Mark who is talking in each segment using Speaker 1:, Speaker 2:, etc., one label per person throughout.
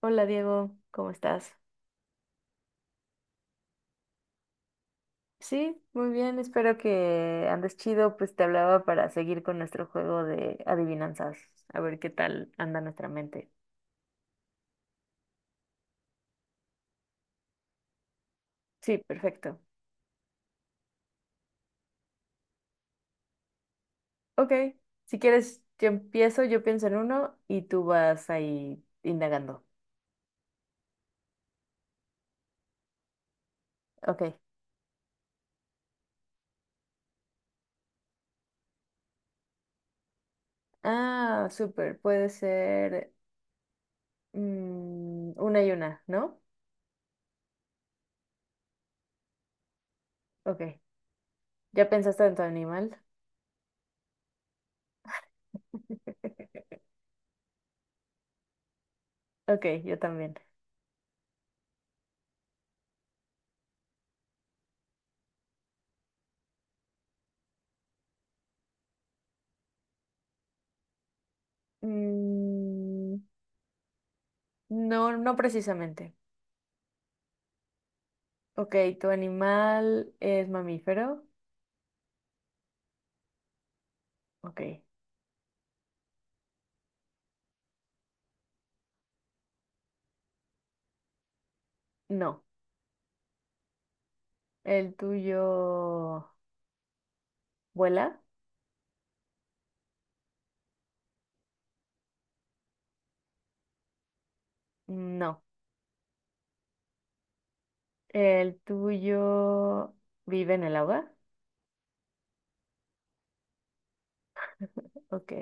Speaker 1: Hola Diego, ¿cómo estás? Sí, muy bien, espero que andes chido, pues te hablaba para seguir con nuestro juego de adivinanzas, a ver qué tal anda nuestra mente. Sí, perfecto. Ok, si quieres, yo empiezo, yo pienso en uno y tú vas ahí indagando. Ok. Ah, súper, puede ser una y una, ¿no? Ok, ¿ya pensaste en tu animal? Ok, yo también. Mm, no, no precisamente. Ok, ¿tu animal es mamífero? Ok, no. ¿El tuyo vuela? No. ¿El tuyo vive en el agua? Ok,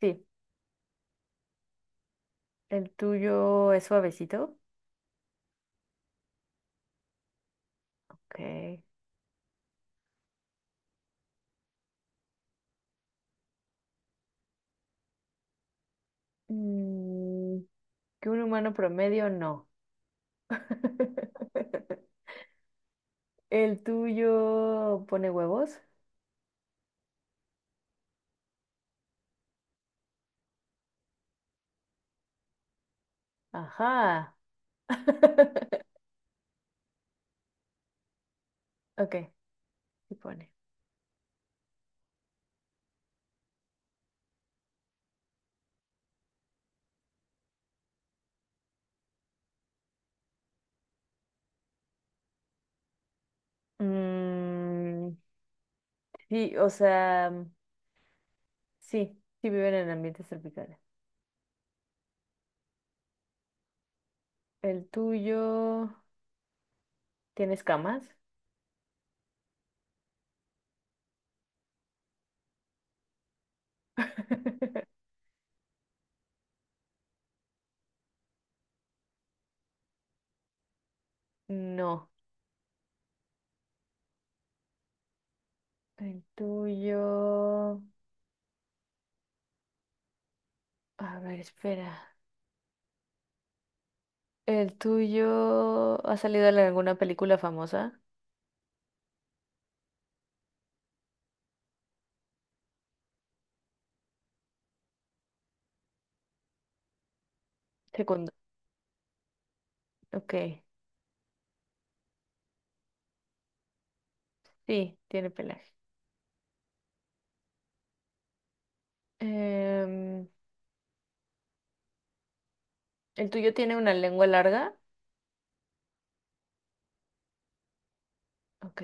Speaker 1: sí. ¿El tuyo es suavecito? Ok. Mm, ¿que un humano promedio? No. ¿El tuyo pone huevos? Ajá. Ok, sí pone. Mm, sí, o sea, sí, sí viven en ambientes tropicales. ¿El tuyo tiene escamas? No. El tuyo… A ver, espera. ¿El tuyo ha salido en alguna película famosa? Segundo. Ok, sí, tiene pelaje. Em, ¿El tuyo tiene una lengua larga? Ok.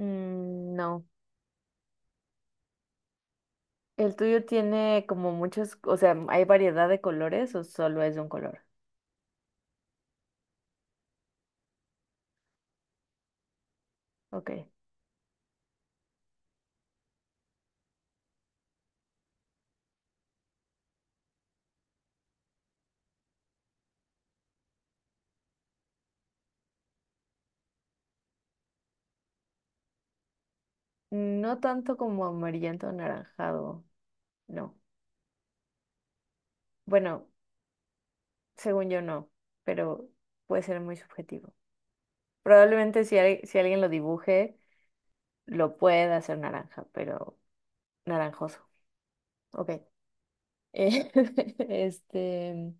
Speaker 1: Mm, no. ¿El tuyo tiene como muchos, o sea, hay variedad de colores o solo es de un color? Ok. No tanto como amarillento anaranjado, no. Bueno, según yo no, pero puede ser muy subjetivo. Probablemente si, si alguien lo dibuje, lo pueda hacer naranja, pero naranjoso. Ok. Eh, Este,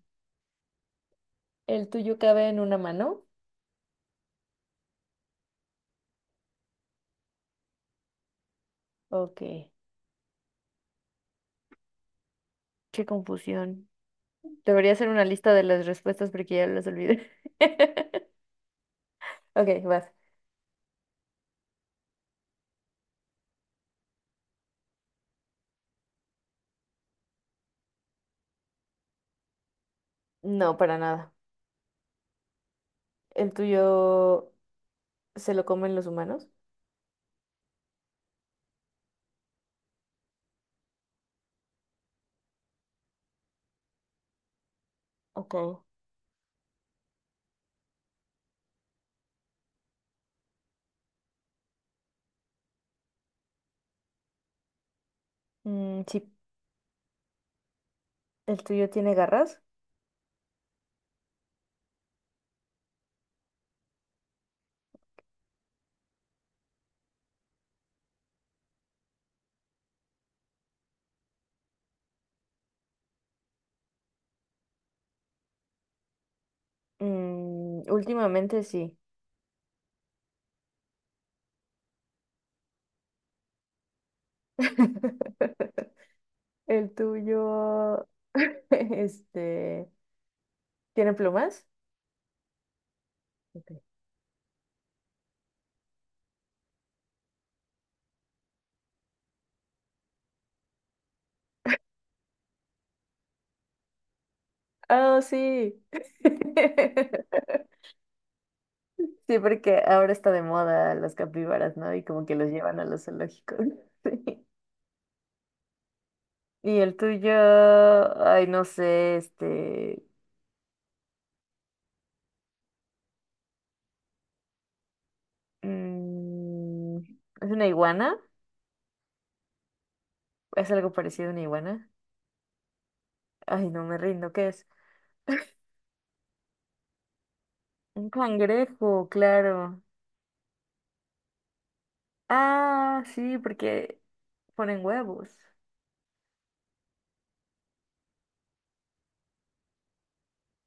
Speaker 1: ¿el tuyo cabe en una mano? Ok. Qué confusión. Debería hacer una lista de las respuestas porque ya las olvidé. Ok, vas. No, para nada. ¿El tuyo se lo comen los humanos? Ok. Mm, sí. ¿El tuyo tiene garras? Mm, últimamente sí. ¿El tuyo, este, tiene plumas? Ok. Oh, sí. Sí, porque ahora está de moda los capibaras, ¿no? Y como que los llevan a los zoológicos. Sí. Y el tuyo, ay, no sé, este, mm, ¿es una iguana? ¿Es algo parecido a una iguana? Ay, no me rindo, ¿qué es? Un cangrejo, claro. Ah, sí, porque ponen huevos.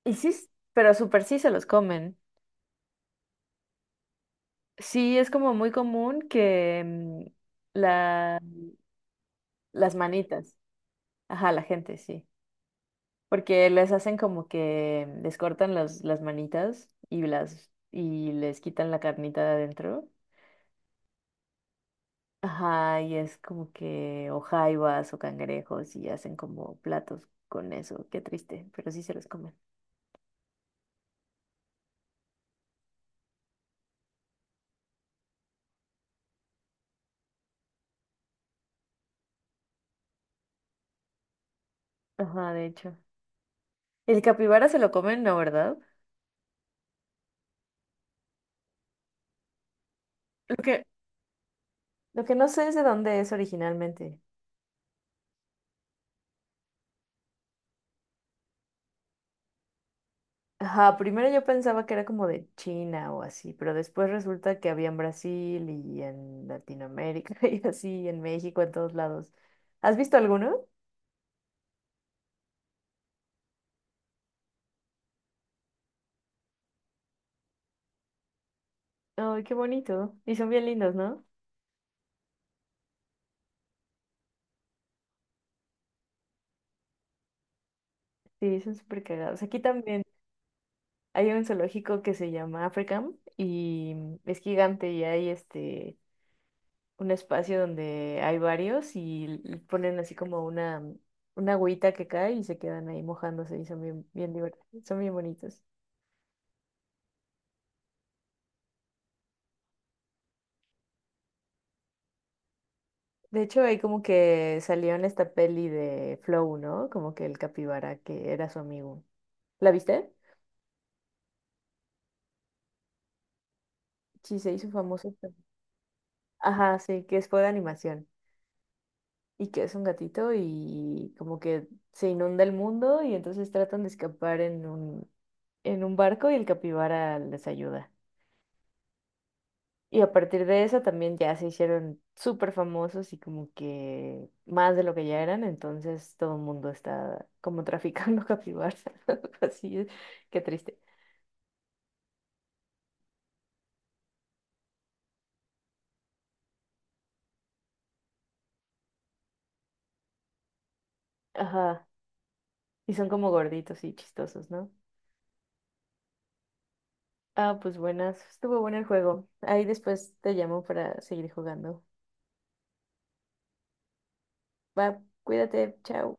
Speaker 1: Y sí, pero súper sí se los comen. Sí, es como muy común que la, las manitas, ajá, la gente, sí. Porque les hacen como que les cortan las manitas y las y les quitan la carnita de adentro. Ajá, y es como que o jaivas o cangrejos y hacen como platos con eso. Qué triste, pero sí se los comen. Ajá, de hecho. El capibara se lo comen, ¿no, verdad? lo que Lo que no sé es de dónde es originalmente. Ajá, primero yo pensaba que era como de China o así, pero después resulta que había en Brasil y en Latinoamérica y así, en México, en todos lados. ¿Has visto alguno? Ay, qué bonito. Y son bien lindos, ¿no? Sí, son súper cagados. Aquí también hay un zoológico que se llama Africam y es gigante y hay este un espacio donde hay varios y ponen así como una, una agüita que cae y se quedan ahí mojándose y son bien, bien divertidos, son bien bonitos. De hecho, ahí como que salió en esta peli de Flow, ¿no? Como que el capibara que era su amigo. ¿La viste? Sí, se hizo famoso. Pero- Ajá, sí, fue de animación. Y que es un gatito y como que se inunda el mundo y entonces tratan de escapar en un barco y el capibara les ayuda. Y a partir de eso también ya se hicieron súper famosos y como que más de lo que ya eran, entonces todo el mundo está como traficando capibaras, algo así es, qué triste. Ajá, y son como gorditos y chistosos, ¿no? Ah, pues buenas, estuvo bueno el juego. Ahí después te llamo para seguir jugando. Va, cuídate, chao.